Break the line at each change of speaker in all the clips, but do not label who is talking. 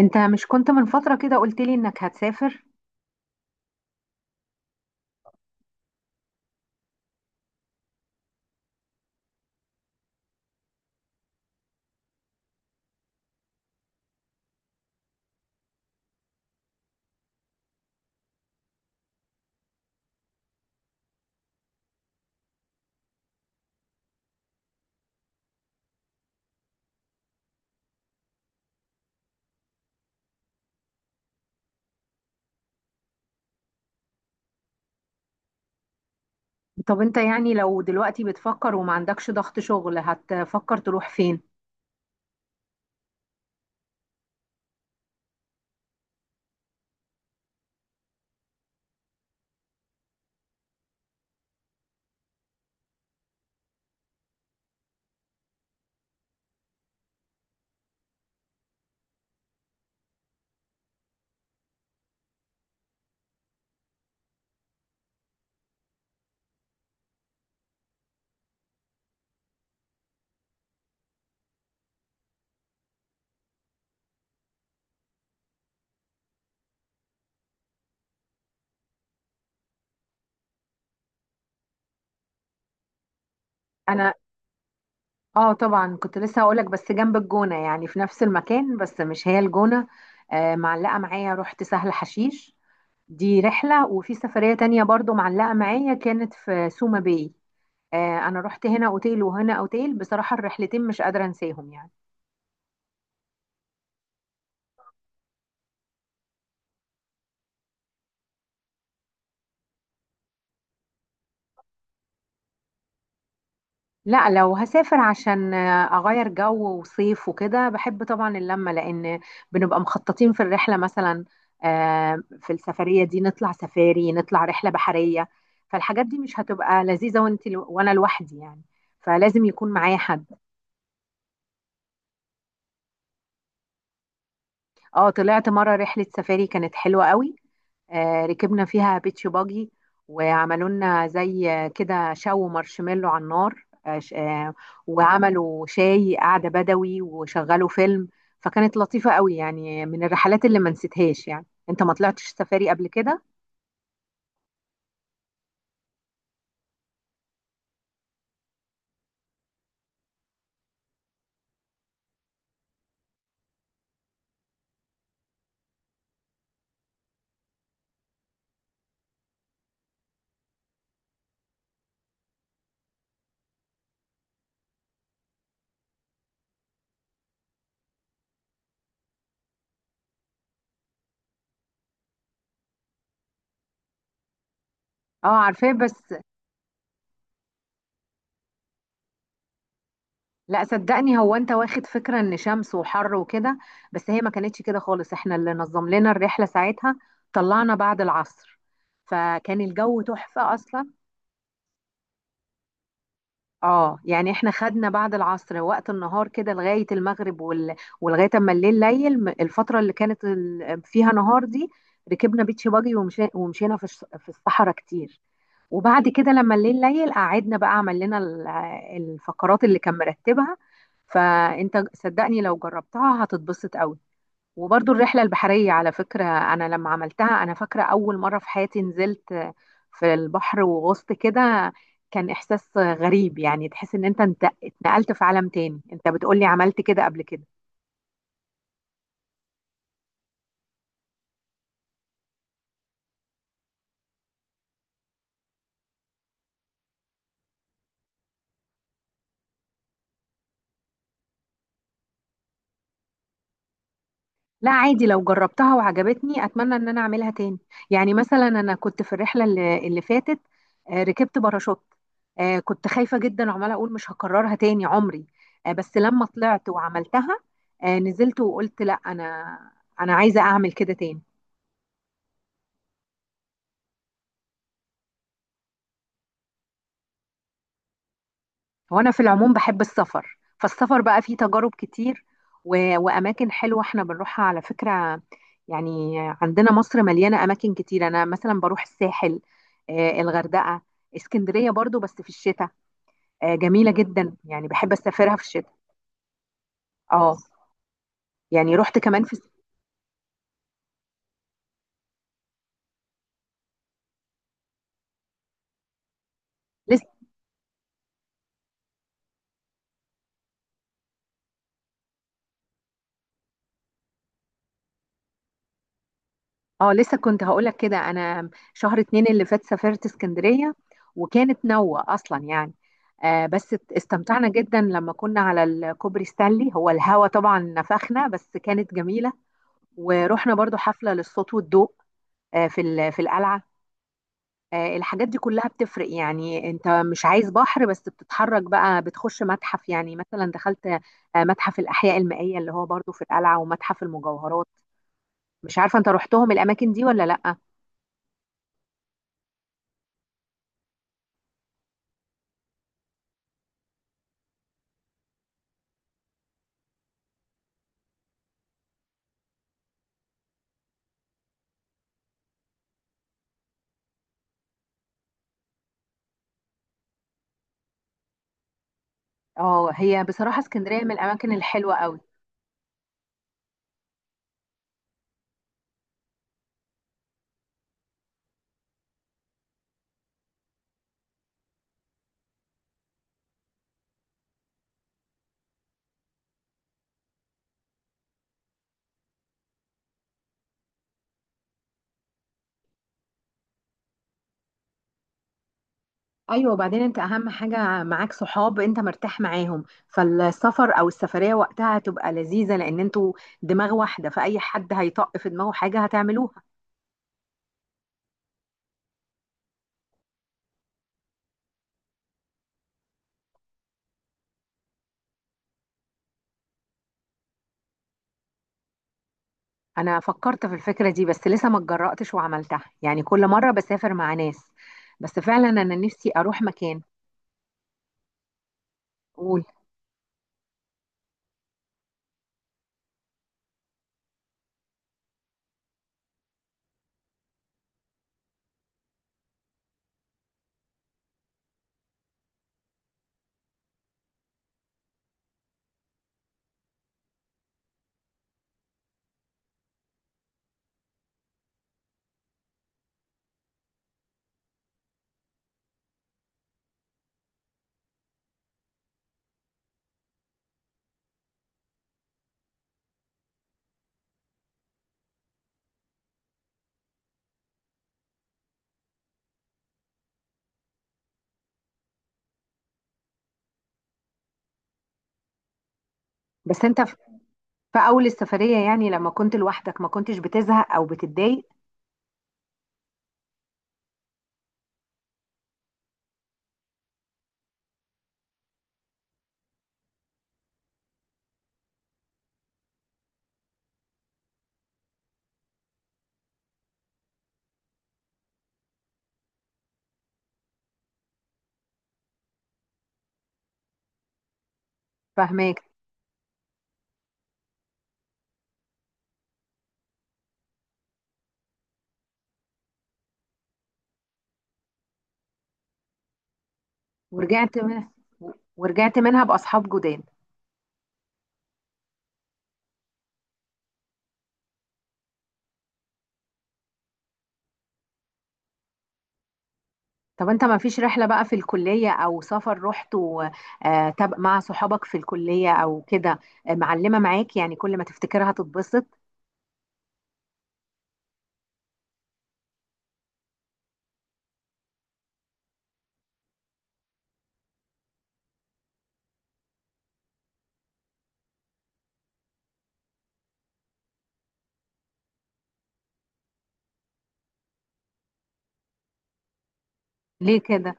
انت مش كنت من فترة كده قلت لي انك هتسافر؟ طب انت يعني لو دلوقتي بتفكر وما عندكش ضغط شغل هتفكر تروح فين؟ انا. اه، طبعا كنت لسه هقولك. بس جنب الجونة يعني في نفس المكان، بس مش هي الجونة. آه، معلقة معايا. رحت سهل حشيش. دي رحلة، وفي سفرية تانية برضو معلقة معايا كانت في سوما باي. آه، انا رحت هنا اوتيل وهنا اوتيل. بصراحة الرحلتين مش قادرة انساهم يعني. لا، لو هسافر عشان اغير جو وصيف وكده بحب طبعا اللمه، لان بنبقى مخططين في الرحله مثلا. في السفريه دي نطلع سفاري، نطلع رحله بحريه. فالحاجات دي مش هتبقى لذيذه وانت وانا لوحدي يعني. فلازم يكون معايا حد. اه، طلعت مرة رحلة سفاري كانت حلوة قوي. ركبنا فيها بيتش باجي. وعملوا لنا زي كده شو مارشميلو على النار. وعملوا شاي قعدة بدوي وشغلوا فيلم. فكانت لطيفة قوي، يعني من الرحلات اللي ما نسيتهاش يعني. انت ما طلعتش سفاري قبل كده؟ اه، عارفاه بس. لا، صدقني هو انت واخد فكرة ان شمس وحر وكده. بس هي ما كانتش كده خالص، احنا اللي نظم لنا الرحلة ساعتها. طلعنا بعد العصر، فكان الجو تحفة اصلا. اه يعني احنا خدنا بعد العصر وقت النهار كده لغاية المغرب. ولغاية اما الليل، الفترة اللي كانت فيها نهار دي. ركبنا بيتش باجي، ومشينا في الصحراء كتير. وبعد كده لما الليل قعدنا بقى، عمل لنا الفقرات اللي كان مرتبها. فانت صدقني، لو جربتها هتتبسط قوي. وبرضو الرحلة البحرية على فكرة، أنا لما عملتها أنا فاكرة أول مرة في حياتي نزلت في البحر وغصت كده. كان إحساس غريب، يعني تحس إن أنت اتنقلت في عالم تاني. أنت بتقولي عملت كده قبل كده؟ لا، عادي، لو جربتها وعجبتني اتمنى ان انا اعملها تاني. يعني مثلا انا كنت في الرحله اللي فاتت. ركبت باراشوت. كنت خايفه جدا وعماله اقول مش هكررها تاني عمري. بس لما طلعت وعملتها، نزلت وقلت: لا، انا عايزه اعمل كده تاني. هو انا في العموم بحب السفر، فالسفر بقى فيه تجارب كتير. واماكن حلوه احنا بنروحها على فكره. يعني عندنا مصر مليانه اماكن كتير. انا مثلا بروح الساحل، الغردقه، اسكندريه برضو بس في الشتاء. جميله جدا، يعني بحب اسافرها في الشتاء. اه يعني رحت كمان في. لسه. اه، لسه كنت هقولك كده. انا شهر اتنين اللي فات سافرت اسكندرية، وكانت نوة اصلا يعني. آه بس استمتعنا جدا. لما كنا على الكوبري ستانلي هو الهوا طبعا نفخنا بس كانت جميلة. ورحنا برضو حفلة للصوت والضوء، في القلعة. الحاجات دي كلها بتفرق. يعني انت مش عايز بحر بس، بتتحرك بقى، بتخش متحف. يعني مثلا دخلت متحف الأحياء المائية، اللي هو برضو في القلعة، ومتحف المجوهرات. مش عارفة انت رحتهم الأماكن دي ولا لا؟ اه، هي بصراحة اسكندرية من الأماكن الحلوة قوي. ايوه، وبعدين انت اهم حاجه معاك صحاب انت مرتاح معاهم، فالسفر او السفريه وقتها هتبقى لذيذه لان انتوا دماغ واحده، فاي حد هيطق في دماغه حاجه هتعملوها. أنا فكرت في الفكرة دي، بس لسه ما اتجرأتش وعملتها. يعني كل مرة بسافر مع ناس، بس فعلا أنا نفسي أروح مكان. قول. بس أنت في أول السفرية، يعني لما كنت لوحدك ما كنتش بتزهق أو بتتضايق؟ فهماك. ورجعت من ورجعت منها بأصحاب جداد؟ طب انت ما فيش رحلة بقى في الكلية او سفر رحته؟ مع صحابك في الكلية او كده، معلمة معاك يعني كل ما تفتكرها تتبسط؟ ليه كده؟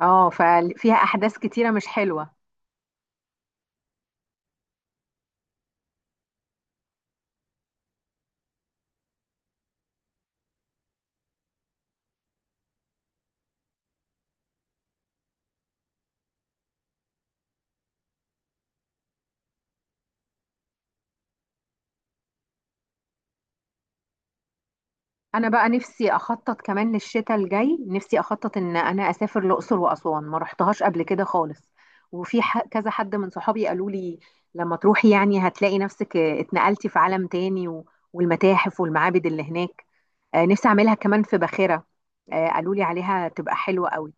اه ففيها احداث كتيرة مش حلوة. انا بقى نفسي اخطط كمان للشتاء الجاي، نفسي اخطط ان انا اسافر الاقصر واسوان، ما رحتهاش قبل كده خالص. وفي كذا حد من صحابي قالوا لي: لما تروحي يعني هتلاقي نفسك اتنقلتي في عالم تاني، والمتاحف والمعابد اللي هناك. نفسي اعملها كمان في باخرة، قالوا لي عليها تبقى حلوة قوي.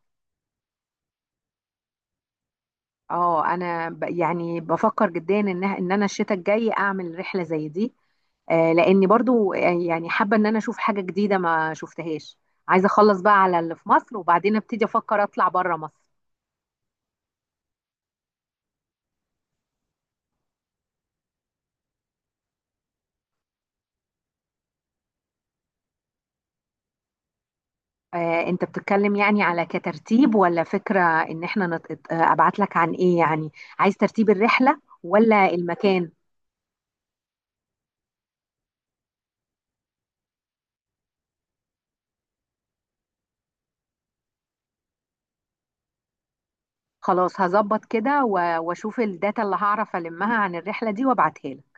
اه انا يعني بفكر جدا ان انا الشتاء الجاي اعمل رحلة زي دي. لاني برضو يعني حابه ان انا اشوف حاجه جديده ما شفتهاش. عايزه اخلص بقى على اللي في مصر، وبعدين ابتدي افكر اطلع بره مصر. انت بتتكلم يعني على كترتيب ولا فكره ان احنا. ابعت لك عن ايه يعني؟ عايز ترتيب الرحله ولا المكان؟ خلاص هظبط كده واشوف الداتا اللي هعرف المها عن الرحله دي وابعتها لك.